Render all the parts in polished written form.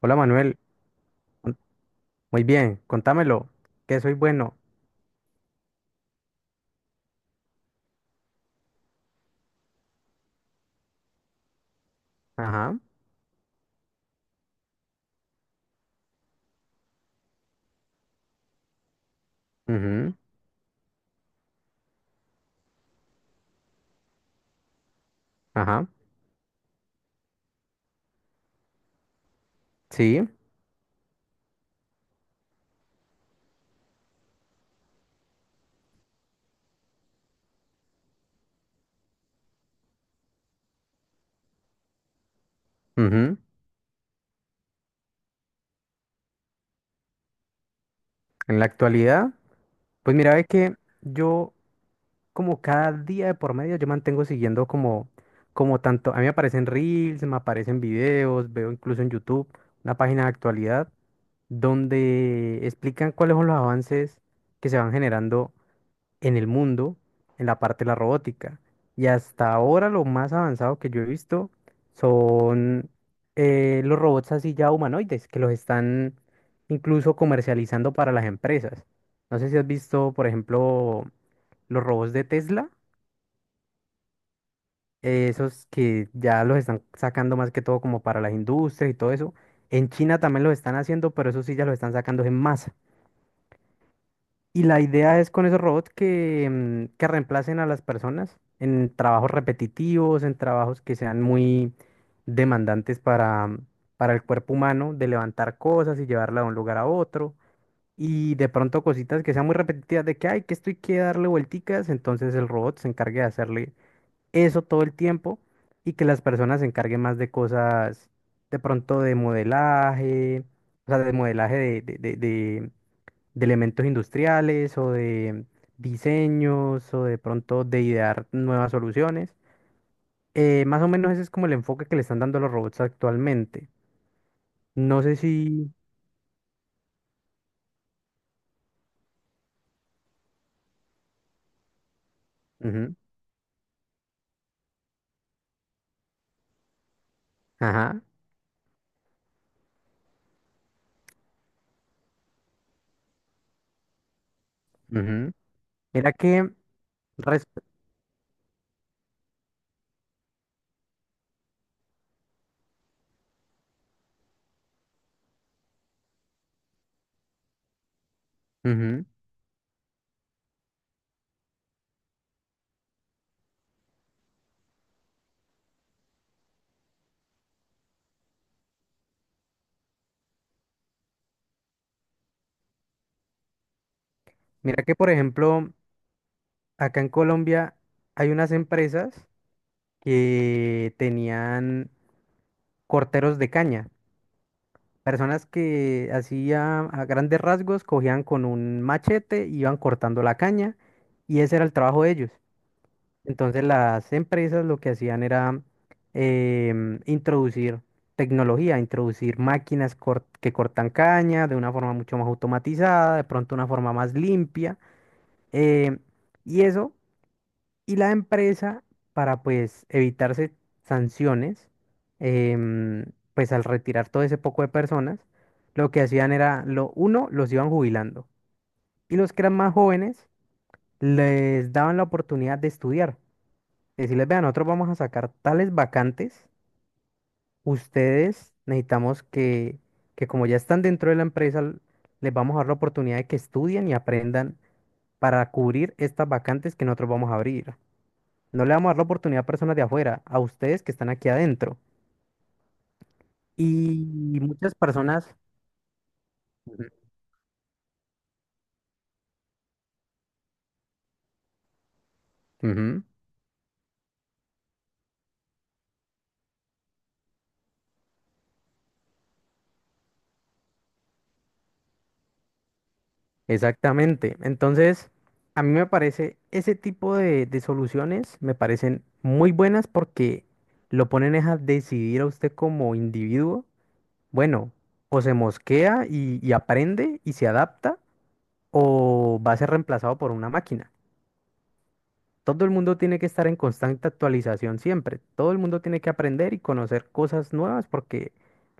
Hola Manuel. Mm. Muy bien, contámelo, que soy bueno. Ajá. Ujú. Ajá. Sí. Ujú. En la actualidad, pues mira, ve que yo, como cada día de por medio, yo mantengo siguiendo como tanto. A mí me aparecen reels, me aparecen videos, veo incluso en YouTube una página de actualidad donde explican cuáles son los avances que se van generando en el mundo en la parte de la robótica. Y hasta ahora lo más avanzado que yo he visto son los robots así ya humanoides, que los están incluso comercializando para las empresas. No sé si has visto, por ejemplo, los robots de Tesla, esos que ya los están sacando más que todo como para las industrias y todo eso. En China también los están haciendo, pero eso sí ya los están sacando en masa. Y la idea es con esos robots que reemplacen a las personas en trabajos repetitivos, en trabajos que sean muy demandantes para, para el cuerpo humano, de levantar cosas y llevarla de un lugar a otro. Y de pronto cositas que sean muy repetitivas de que, ay, que estoy que darle vuelticas, entonces el robot se encargue de hacerle eso todo el tiempo y que las personas se encarguen más de cosas de pronto de modelaje, o sea, de modelaje de elementos industriales o de diseños o de pronto de idear nuevas soluciones. Más o menos ese es como el enfoque que le están dando a los robots actualmente. No sé si... Ujú. Ajá. Ujú. Mira que... res- Ujú. Mira que, por ejemplo, acá en Colombia hay unas empresas que tenían corteros de caña. Personas que, así a grandes rasgos, cogían con un machete, iban cortando la caña y ese era el trabajo de ellos. Entonces las empresas lo que hacían era introducir tecnología, introducir máquinas que cortan caña de una forma mucho más automatizada, de pronto una forma más limpia. em, y eso, y la empresa, para pues evitarse sanciones, em, pues al retirar todo ese poco de personas, lo que hacían era, lo uno, los iban jubilando. Y los que eran más jóvenes, les daban la oportunidad de estudiar. Decirles, vean, nosotros vamos a sacar tales vacantes, ustedes necesitamos que como ya están dentro de la empresa, les vamos a dar la oportunidad de que estudien y aprendan para cubrir estas vacantes que nosotros vamos a abrir. No le vamos a dar la oportunidad a personas de afuera, a ustedes que están aquí adentro. Y muchas personas... Ujú. Ujú. Exactamente. Entonces, a mí me parece, ese tipo de soluciones me parecen muy buenas porque lo ponen es a decidir a usted como individuo. Bueno, o se mosquea y aprende y se adapta o va a ser reemplazado por una máquina. Todo el mundo tiene que estar en constante actualización siempre. Todo el mundo tiene que aprender y conocer cosas nuevas porque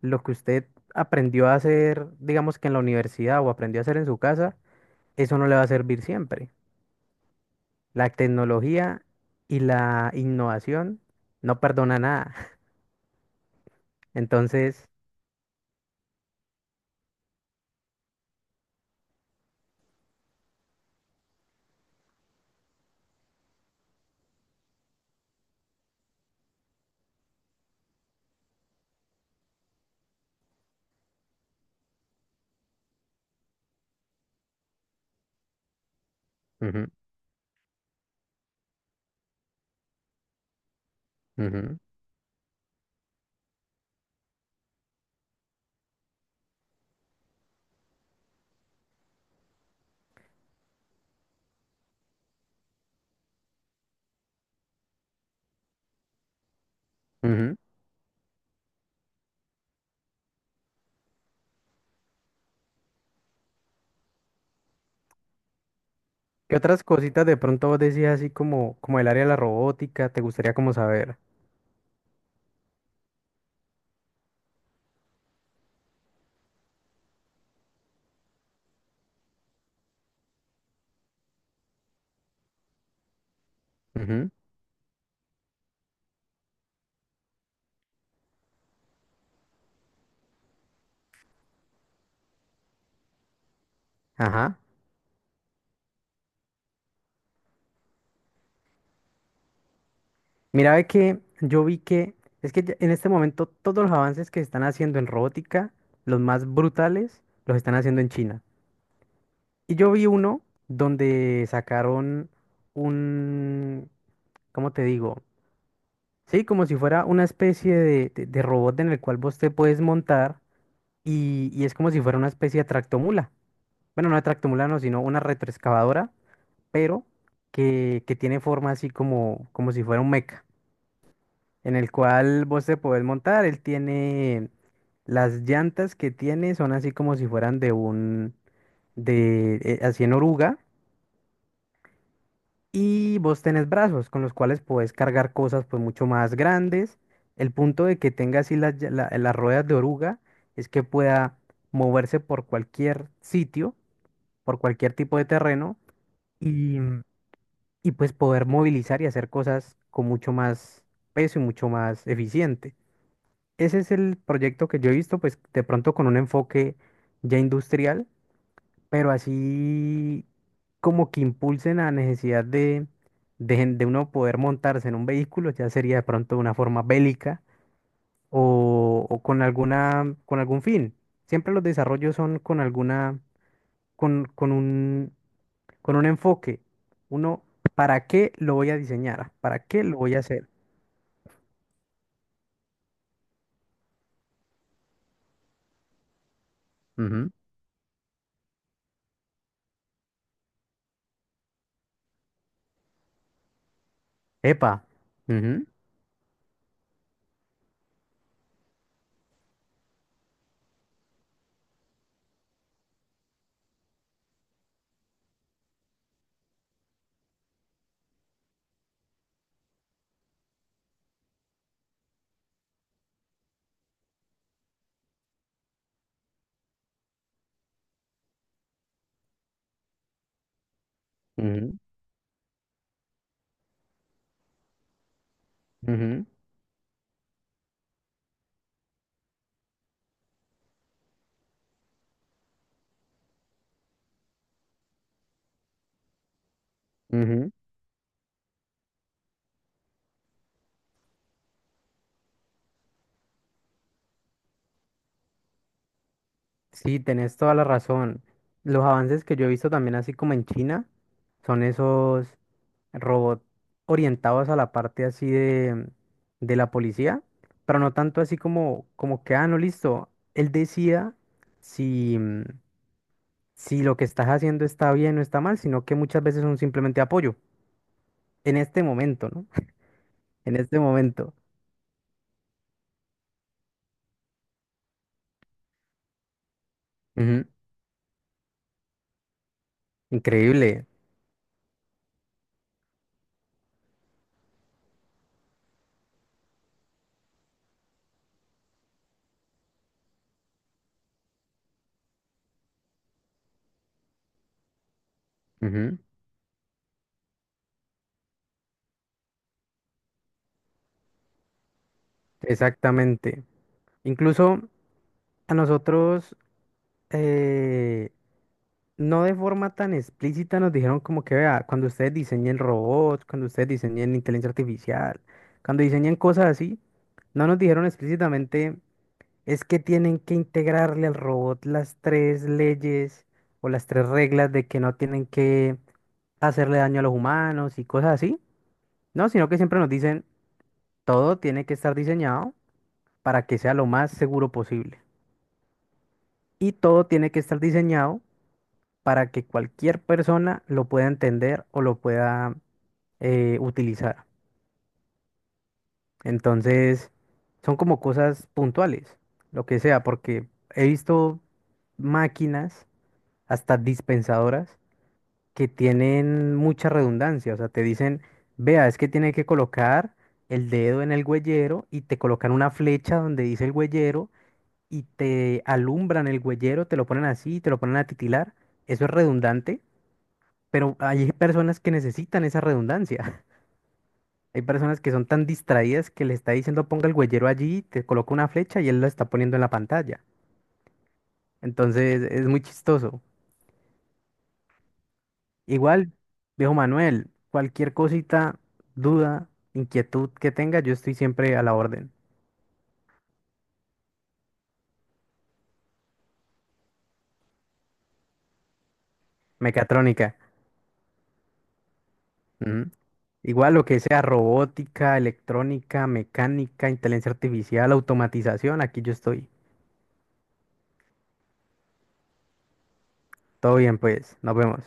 lo que usted aprendió a hacer, digamos que en la universidad, o aprendió a hacer en su casa, eso no le va a servir siempre. La tecnología y la innovación no perdona nada. Entonces... Ujú. Ujú. Ujú. ¿Qué otras cositas de pronto vos decías así como el área de la robótica? ¿Te gustaría como saber? Ujú. Ajá. Mira, ve que yo vi que es que en este momento todos los avances que se están haciendo en robótica, los más brutales, los están haciendo en China. Y yo vi uno donde sacaron un, ¿cómo te digo? Sí, como si fuera una especie de robot en el cual vos te puedes montar y es como si fuera una especie de tractomula. Bueno, no de tractomula, no, sino una retroexcavadora, pero que tiene forma así como si fuera un mecha. En el cual vos te podés montar. Él tiene las llantas que tiene, son así como si fueran de un, así en oruga. Y vos tenés brazos con los cuales podés cargar cosas pues mucho más grandes. El punto de que tenga así las ruedas de oruga es que pueda moverse por cualquier sitio, por cualquier tipo de terreno y, y pues poder movilizar y hacer cosas con mucho más peso y mucho más eficiente. Ese es el proyecto que yo he visto, pues de pronto con un enfoque ya industrial, pero así como que impulsen la necesidad de uno poder montarse en un vehículo, ya sería de pronto de una forma bélica o con alguna, con algún fin. Siempre los desarrollos son con alguna, con, con un, con un enfoque. Uno, ¿para qué lo voy a diseñar? ¿Para qué lo voy a hacer? Ujú. Epa. Ujú. Ujú. Ujú. Ujú. Sí, tenés toda la razón. Los avances que yo he visto también así como en China son esos robots orientados a la parte así de la policía, pero no tanto así como que, no, listo, él decida si, mm, si lo que estás haciendo está bien o está mal, sino que muchas veces son simplemente apoyo, en este momento, ¿no? En este momento. Ujú. Increíble. Ujú. Exactamente. Incluso a nosotros... eh, no de forma tan explícita nos dijeron como que, vea, cuando ustedes diseñen robots, cuando ustedes diseñen inteligencia artificial, cuando diseñen cosas así, no nos dijeron explícitamente, es que tienen que integrarle al robot las tres leyes o las tres reglas de que no tienen que hacerle daño a los humanos y cosas así, no, sino que siempre nos dicen, todo tiene que estar diseñado para que sea lo más seguro posible. Y todo tiene que estar diseñado para que cualquier persona lo pueda entender o lo pueda utilizar. Entonces, son como cosas puntuales, lo que sea, porque he visto máquinas, hasta dispensadoras, que tienen mucha redundancia. O sea, te dicen, vea, es que tiene que colocar el dedo en el huellero y te colocan una flecha donde dice el huellero y te alumbran el huellero, te lo ponen así, te lo ponen a titilar. Eso es redundante. Pero hay personas que necesitan esa redundancia. Hay personas que son tan distraídas que le está diciendo ponga el huellero allí, te coloca una flecha y él la está poniendo en la pantalla. Entonces es muy chistoso. Igual, viejo Manuel, cualquier cosita, duda, inquietud que tenga, yo estoy siempre a la orden. Mecatrónica. Ujú. Igual lo que sea robótica, electrónica, mecánica, inteligencia artificial, automatización, aquí yo estoy. Todo bien, pues, nos vemos.